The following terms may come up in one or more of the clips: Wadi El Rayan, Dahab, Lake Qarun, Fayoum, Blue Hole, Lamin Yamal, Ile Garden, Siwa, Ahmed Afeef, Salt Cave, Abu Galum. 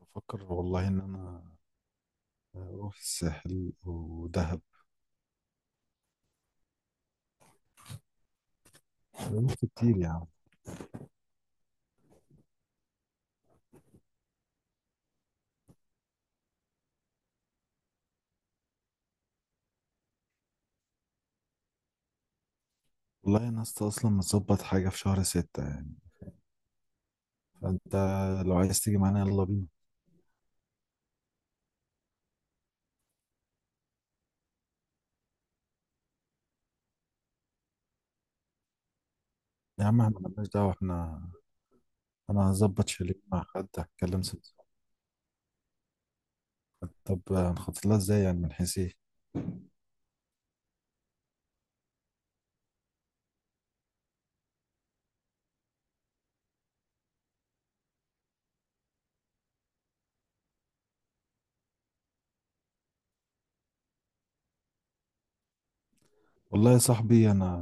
بفكر والله ان انا اروح الساحل ودهب. فلوس كتير يعني. والله انا لسه اصلا مظبط حاجه في شهر ستة يعني. فانت لو عايز تيجي معانا يلا بينا. يا عم احنا مالناش دعوه، احنا انا هظبط شاليه مع حد، هتكلم سمسار. طب هنخطط لها ازاي يعني، من حيث ايه؟ والله يا صاحبي انا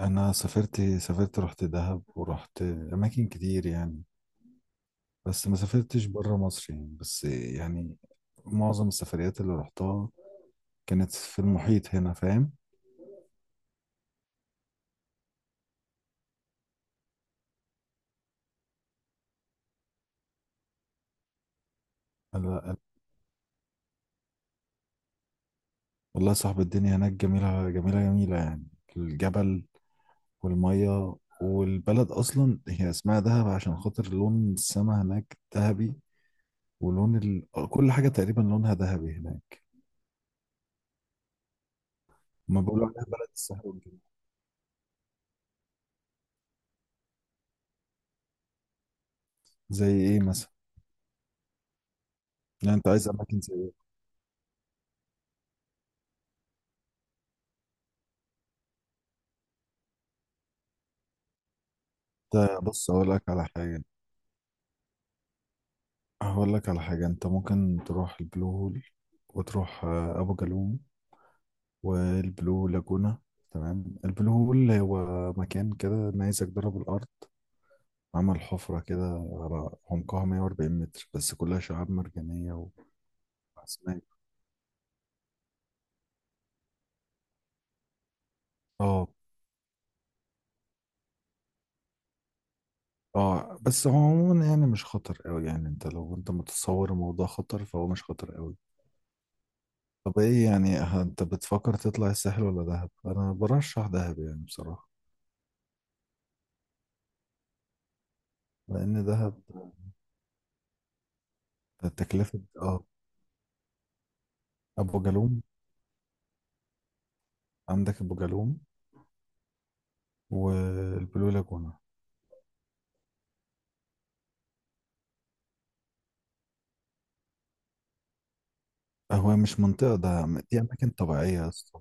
انا سافرت رحت دهب ورحت اماكن كتير يعني، بس ما سافرتش بره مصر يعني، بس يعني معظم السفريات اللي رحتها كانت في المحيط هنا، فاهم؟ ال- ال- والله يا صاحبي الدنيا هناك جميلة جميلة جميلة يعني، الجبل والمية والبلد أصلا، هي اسمها دهب عشان خاطر لون السما هناك ذهبي، ولون كل حاجة تقريبا لونها ذهبي هناك. ما بيقولوا عليها بلد السحر والجنة. زي إيه مثلا؟ يعني أنت عايز أماكن زي إيه؟ أنت بص، أقول لك على حاجة، هقول لك على حاجة، أنت ممكن تروح البلو هول، وتروح أبو جالوم والبلو لاجونا. تمام، البلو هول هو مكان كده نيزك ضرب الأرض، عمل حفرة كده على عمقها 140 متر، بس كلها شعاب مرجانية وأسماك. اه، اه، بس هو عموما يعني مش خطر قوي، يعني انت لو متصور الموضوع خطر فهو مش خطر قوي. طب ايه يعني، انت بتفكر تطلع الساحل ولا دهب؟ انا برشح دهب يعني بصراحة. لان دهب تكلفة، ابو جالوم، عندك ابو جالوم والبلو لاجونا. هو مش منطقة ده، دي اماكن طبيعية يا اسطى.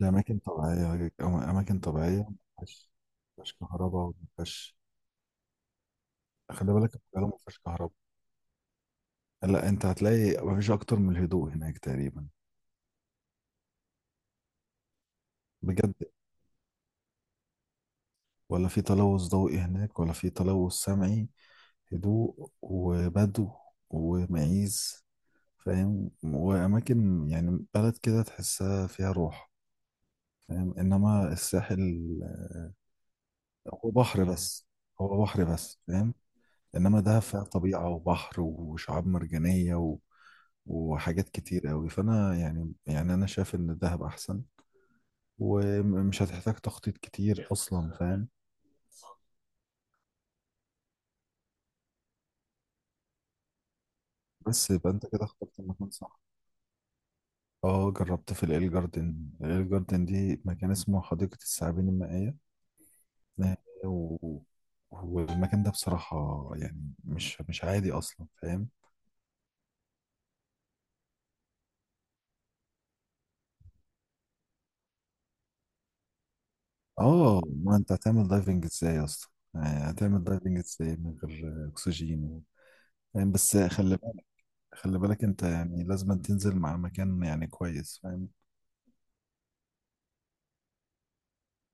دي أماكن طبيعية، أماكن طبيعية ما فيهاش، ما فيهاش كهرباء وما فيهاش. خلي بالك، القاهرة ما فيهاش كهرباء، لا أنت هتلاقي ما فيش أكتر من الهدوء هناك تقريبا، بجد. ولا في تلوث ضوئي هناك ولا في تلوث سمعي، هدوء وبدو ومعيز، فاهم؟ وأماكن يعني، بلد كده تحسها فيها روح، فاهم؟ إنما الساحل هو بحر بس، هو بحر بس، فاهم؟ انما ده فيها طبيعه وبحر وشعاب مرجانيه وحاجات كتير قوي، فانا يعني، انا شايف ان دهب احسن، ومش هتحتاج تخطيط كتير اصلا، فاهم؟ بس يبقى انت كده اخترت المكان، صح؟ اه، جربت في الايل جاردن، الايل جاردن دي مكان اسمه حديقة الثعابين المائية، آه، و... والمكان ده بصراحة يعني مش عادي اصلا، فاهم؟ اه، ما انت هتعمل دايفنج ازاي اصلا، يعني هتعمل دايفنج ازاي من غير اكسجين؟ فاهم؟ بس خلي بالك، خلي بالك انت يعني لازم تنزل مع مكان يعني كويس، فاهم؟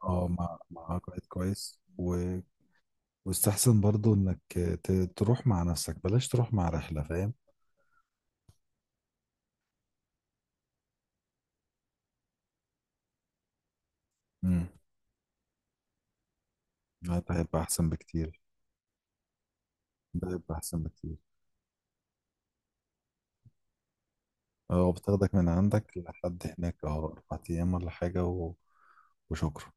اه، مع قائد كويس، واستحسن برضو انك ت... تروح مع نفسك، بلاش تروح مع رحلة، فاهم؟ امم ده هيبقى احسن بكتير، ده هيبقى احسن بكتير. اه، بتاخدك من عندك لحد هناك، اه، اربع ايام ولا حاجة، وشكرا.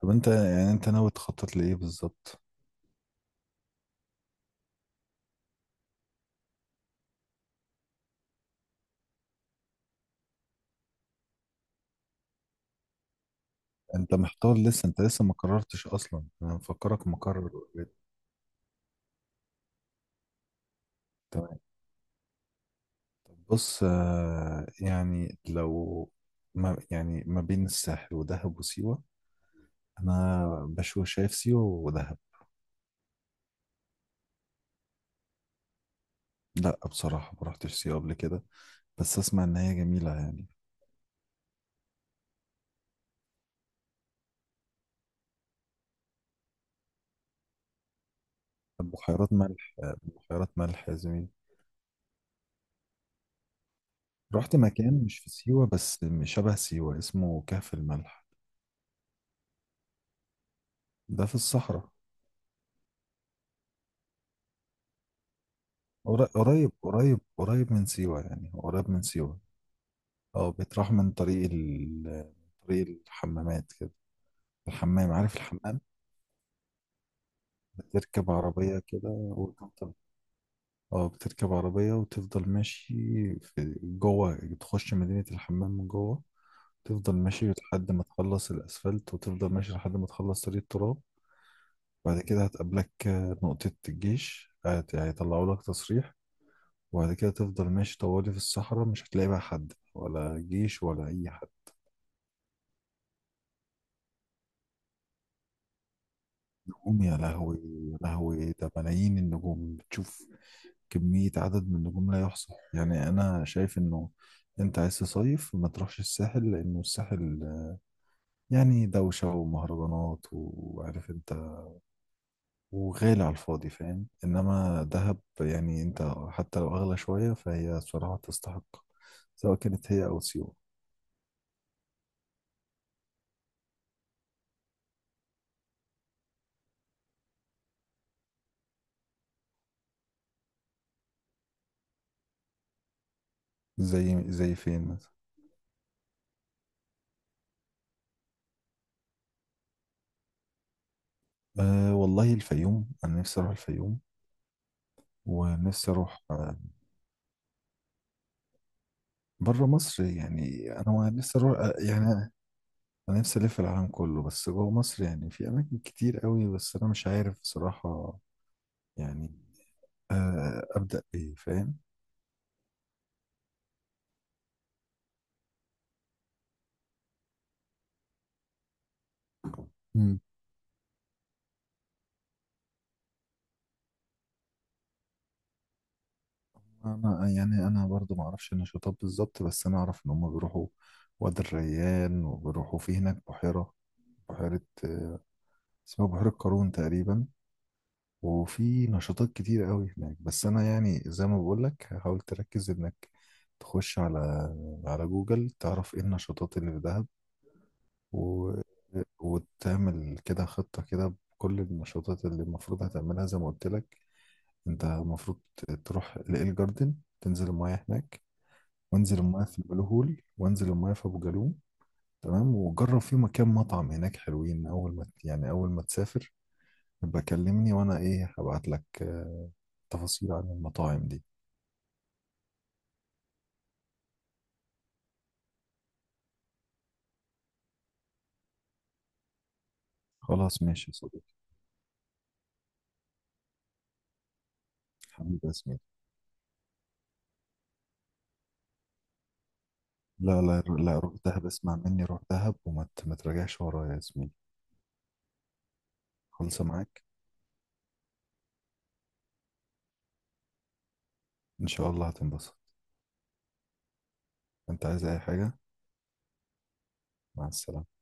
طب انت يعني ناوي تخطط لايه بالظبط؟ انت محتار لسه، انت لسه ما قررتش اصلا، انا مفكرك مقرر. بص، يعني لو، ما بين الساحل ودهب وسيوة، أنا شايف سيوة ودهب. لا بصراحة ما رحتش سيوة قبل كده، بس أسمع إن هي جميلة يعني. بحيرات ملح، بحيرات ملح يا زميلي. رحت مكان مش في سيوة، بس شبه سيوة، اسمه كهف الملح. ده في الصحراء، قريب قريب قريب من سيوة، يعني هو قريب من سيوة. اه، بيتراح من طريق طريق الحمامات كده، الحمام، عارف الحمام؟ بتركب عربية كده وتفضل، اه بتركب عربية وتفضل ماشي، في جوه تخش مدينة الحمام من جوه، تفضل ماشي لحد ما تخلص الأسفلت، وتفضل ماشي لحد ما تخلص طريق التراب. بعد كده هتقابلك نقطة الجيش، هيطلعوا لك تصريح، وبعد كده تفضل ماشي طوالي في الصحراء، مش هتلاقي بقى حد ولا جيش ولا أي حد. نجوم، يا لهوي يا لهوي، ده ملايين النجوم بتشوف، كمية عدد من النجوم لا يحصى. يعني أنا شايف إنه أنت عايز تصيف، ما تروحش الساحل، لأنه الساحل يعني دوشة ومهرجانات، وعارف أنت، وغالي على الفاضي، فاهم؟ إنما دهب يعني أنت حتى لو أغلى شوية فهي صراحة تستحق، سواء كانت هي أو سيوة. زي فين مثلا؟ أه والله الفيوم، أنا نفسي أروح الفيوم، ونفسي أروح بره مصر يعني، أنا نفسي أروح يعني انا نفسي الف العالم كله، بس جوه مصر يعني في اماكن كتير قوي، بس انا مش عارف بصراحة يعني، ابدا بايه، فاهم؟ مم. انا برضو ما اعرفش النشاطات بالظبط، بس انا اعرف ان هم بيروحوا وادي الريان، وبيروحوا في هناك بحيرة، بحيرة آه، اسمها بحيرة قارون تقريبا. وفي نشاطات كتير قوي هناك، بس انا يعني زي ما بقول لك، حاول تركز انك تخش على جوجل، تعرف ايه النشاطات اللي في دهب، و... وتعمل كده خطة كده بكل النشاطات اللي المفروض هتعملها، زي ما قلت لك. انت المفروض تروح لإل جاردن، تنزل المايه هناك، وانزل المايه في البلو هول، وانزل المايه في ابو جالوم، تمام. وجرب في مكان مطعم هناك حلوين، اول ما تسافر يبقى كلمني، وانا هبعت لك تفاصيل عن المطاعم دي. خلاص ماشي يا صديقي، حبيبي يا زميلي، لا، لا، لا، روح دهب، اسمع مني، روح دهب وما ت- ما تراجعش ورايا يا زميلي. خلصة معاك، ان شاء الله هتنبسط. انت عايز اي حاجة؟ مع السلامة.